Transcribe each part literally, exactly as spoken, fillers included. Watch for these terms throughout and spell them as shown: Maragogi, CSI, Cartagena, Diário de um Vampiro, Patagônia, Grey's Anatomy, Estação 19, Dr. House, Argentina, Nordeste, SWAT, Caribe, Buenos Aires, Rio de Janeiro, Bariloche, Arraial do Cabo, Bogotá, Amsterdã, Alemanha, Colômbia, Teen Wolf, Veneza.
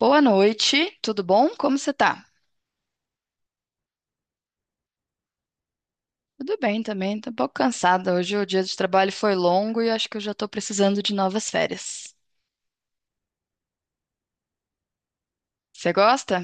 Boa noite, tudo bom? Como você tá? Tudo bem também, tô um pouco cansada. Hoje o dia de trabalho foi longo e acho que eu já tô precisando de novas férias. Você gosta?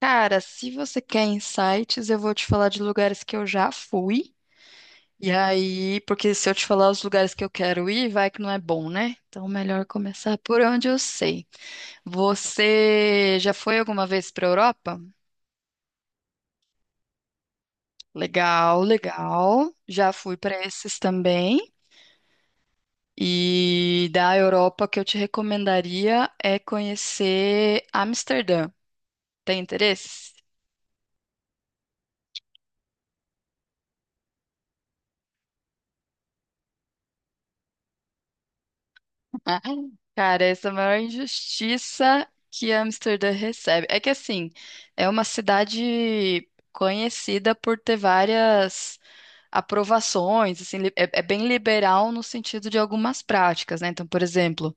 Cara, se você quer insights, eu vou te falar de lugares que eu já fui. E aí, porque se eu te falar os lugares que eu quero ir, vai que não é bom, né? Então, melhor começar por onde eu sei. Você já foi alguma vez para Europa? Legal, legal. Já fui para esses também. E da Europa, o que eu te recomendaria é conhecer Amsterdã. Tem interesse? Cara, essa é a maior injustiça que Amsterdã recebe. É que assim, é uma cidade conhecida por ter várias aprovações, assim, li- é, é bem liberal no sentido de algumas práticas, né? Então, por exemplo,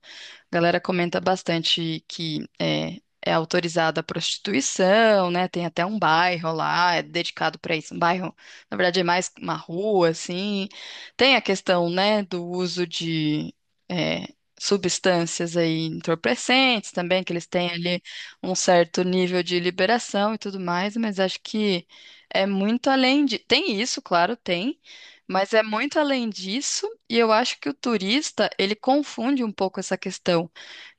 a galera comenta bastante que é, é autorizada a prostituição, né? Tem até um bairro lá, é dedicado para isso, um bairro, na verdade, é mais uma rua, assim. Tem a questão, né, do uso de é, substâncias aí entorpecentes também, que eles têm ali um certo nível de liberação e tudo mais, mas acho que é muito além de. Tem isso, claro, tem, mas é muito além disso, e eu acho que o turista, ele confunde um pouco essa questão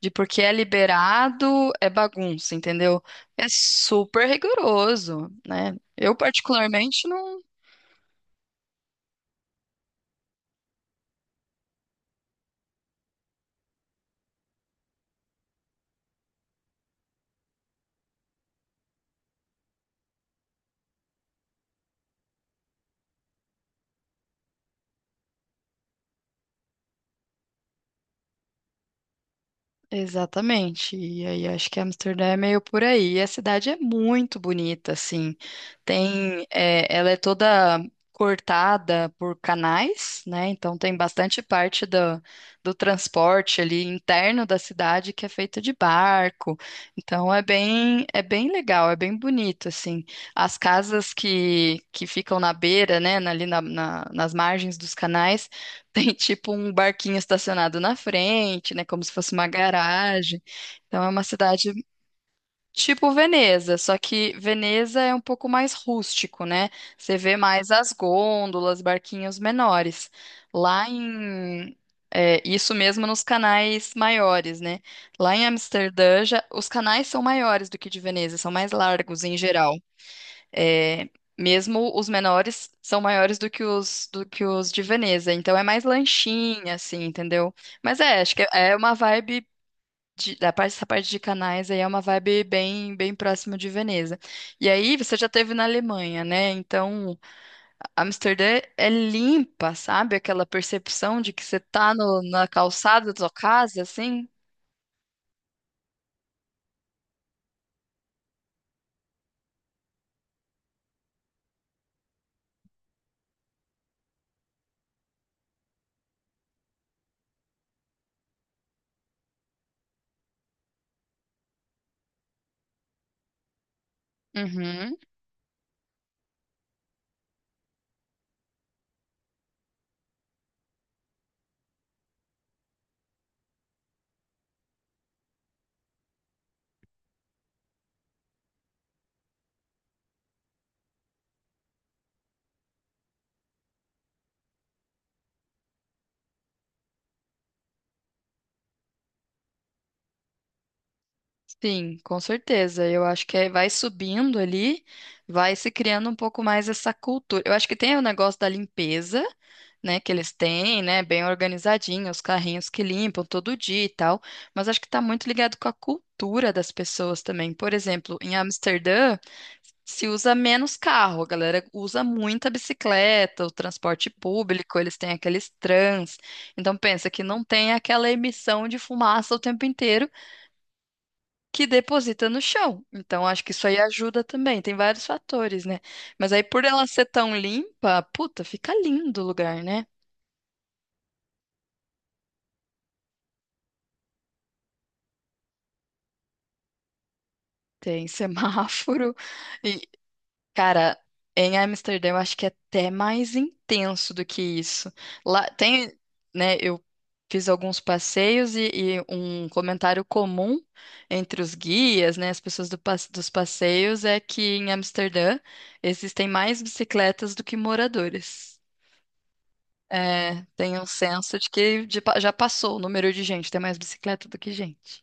de porque é liberado, é bagunça, entendeu? É super rigoroso, né? Eu, particularmente, exatamente. E aí acho que Amsterdã é meio por aí. E a cidade é muito bonita, assim. Tem, é, ela é toda cortada por canais, né? Então tem bastante parte do, do transporte ali interno da cidade que é feita de barco. Então é bem, é bem legal, é bem bonito, assim. As casas que, que ficam na beira, né? na- Ali na, na- nas margens dos canais. Tem tipo um barquinho estacionado na frente, né? Como se fosse uma garagem. Então é uma cidade tipo Veneza, só que Veneza é um pouco mais rústico, né? Você vê mais as gôndolas, barquinhos menores. Lá em. É, isso mesmo nos canais maiores, né? Lá em Amsterdã, já, os canais são maiores do que de Veneza, são mais largos em geral. É, mesmo os menores são maiores do que os do que os de Veneza, então é mais lanchinha, assim, entendeu? Mas é, acho que é uma vibe de- da parte, essa parte de canais aí é uma vibe bem bem próxima de Veneza. E aí você já teve na Alemanha, né? Então Amsterdã é limpa, sabe? Aquela percepção de que você tá no- na calçada da sua casa, assim. Uhum. Sim, com certeza. Eu acho que aí vai subindo ali, vai se criando um pouco mais essa cultura. Eu acho que tem o negócio da limpeza, né, que eles têm, né, bem organizadinho, os carrinhos que limpam todo dia e tal, mas acho que tá muito ligado com a cultura das pessoas também. Por exemplo, em Amsterdã, se usa menos carro, a galera usa muita bicicleta, o transporte público, eles têm aqueles trans. Então pensa que não tem aquela emissão de fumaça o tempo inteiro que deposita no chão. Então, acho que isso aí ajuda também. Tem vários fatores, né? Mas aí, por ela ser tão limpa, puta, fica lindo o lugar, né? Tem semáforo. E, cara, em Amsterdã, eu acho que é até mais intenso do que isso. Lá tem, né? Eu fiz alguns passeios e, e um comentário comum entre os guias, né? As pessoas do pas- dos passeios é que em Amsterdã existem mais bicicletas do que moradores. É, tem um senso de que de pa- já passou o número de gente, tem mais bicicleta do que gente.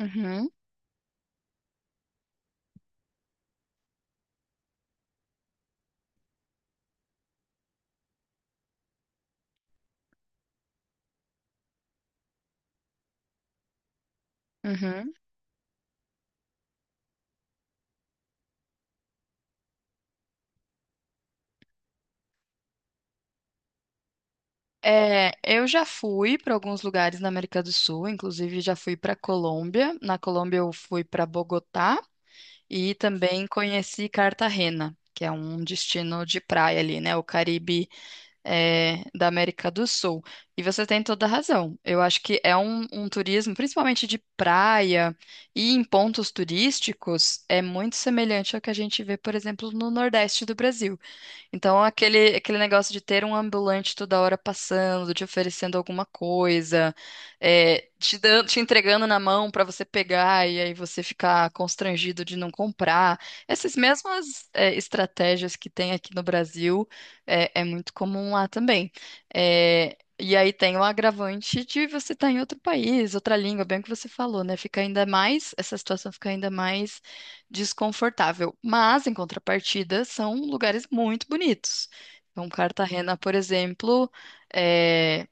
Uhum, uhum. É, eu já fui para alguns lugares na América do Sul, inclusive já fui para Colômbia. Na Colômbia eu fui para Bogotá e também conheci Cartagena, que é um destino de praia ali, né? O Caribe é, da América do Sul. E você tem toda a razão. Eu acho que é um, um turismo, principalmente de praia e em pontos turísticos, é muito semelhante ao que a gente vê, por exemplo, no Nordeste do Brasil. Então, aquele, aquele negócio de ter um ambulante toda hora passando, te oferecendo alguma coisa, é, te dando, te entregando na mão para você pegar e aí você ficar constrangido de não comprar. Essas mesmas, é, estratégias que tem aqui no Brasil, é, é muito comum lá também. É, e aí tem o agravante de você estar em outro país, outra língua, bem o que você falou, né? Fica ainda mais, essa situação fica ainda mais desconfortável. Mas, em contrapartida, são lugares muito bonitos. Então, Cartagena, por exemplo, é,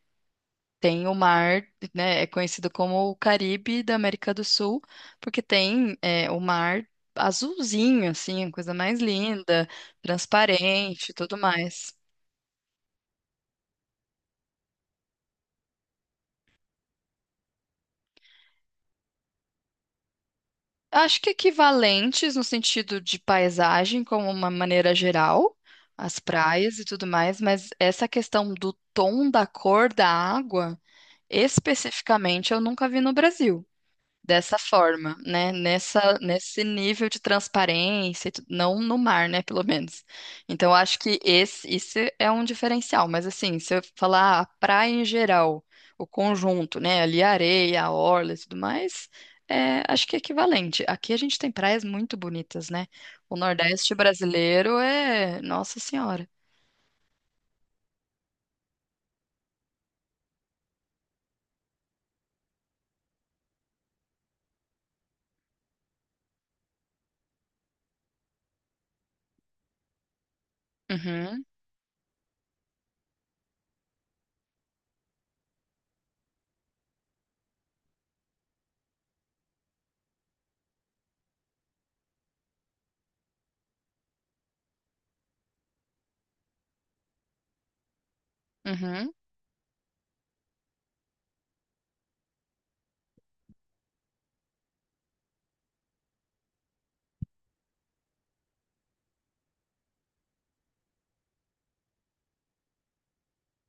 tem o mar, né? É conhecido como o Caribe da América do Sul, porque tem é, o mar azulzinho, assim, a coisa mais linda, transparente, e tudo mais. Acho que equivalentes no sentido de paisagem, como uma maneira geral, as praias e tudo mais, mas essa questão do tom da cor da água especificamente, eu nunca vi no Brasil dessa forma, né? Nessa, nesse nível de transparência, e tu- não no mar, né? Pelo menos. Então, eu acho que esse, isso é um diferencial. Mas, assim, se eu falar ah, a praia em geral, o conjunto, né? Ali a areia, a orla e tudo mais, é, acho que é equivalente. Aqui a gente tem praias muito bonitas, né? O Nordeste brasileiro é. Nossa Senhora. Uhum, uhum.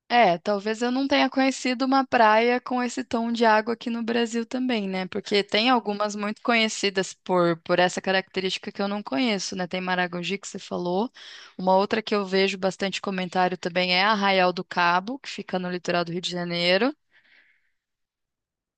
É, talvez eu não tenha conhecido uma praia com esse tom de água aqui no Brasil também, né? Porque tem algumas muito conhecidas por, por essa característica que eu não conheço, né? Tem Maragogi, que você falou. Uma outra que eu vejo bastante comentário também é Arraial do Cabo, que fica no litoral do Rio de Janeiro.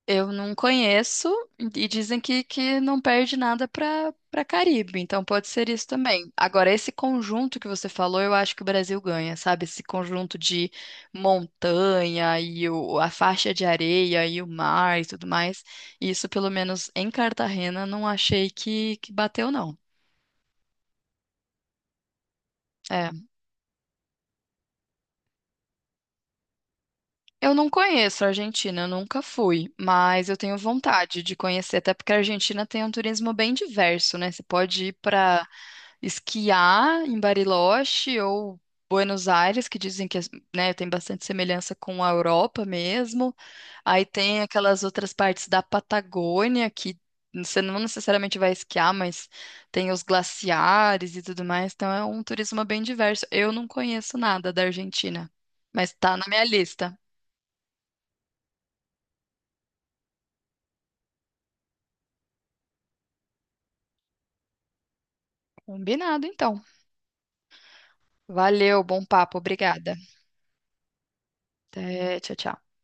Eu não conheço e dizem que, que não perde nada para para Caribe, então pode ser isso também. Agora, esse conjunto que você falou, eu acho que o Brasil ganha, sabe? Esse conjunto de montanha e o- a faixa de areia e o mar e tudo mais. Isso, pelo menos em Cartagena, não achei que, que bateu, não. É. Eu não conheço a Argentina, eu nunca fui, mas eu tenho vontade de conhecer, até porque a Argentina tem um turismo bem diverso, né? Você pode ir para esquiar em Bariloche ou Buenos Aires, que dizem que, né, tem bastante semelhança com a Europa mesmo. Aí tem aquelas outras partes da Patagônia que você não necessariamente vai esquiar, mas tem os glaciares e tudo mais. Então é um turismo bem diverso. Eu não conheço nada da Argentina, mas tá na minha lista. Combinado, então. Valeu, bom papo, obrigada. Até, tchau, tchau.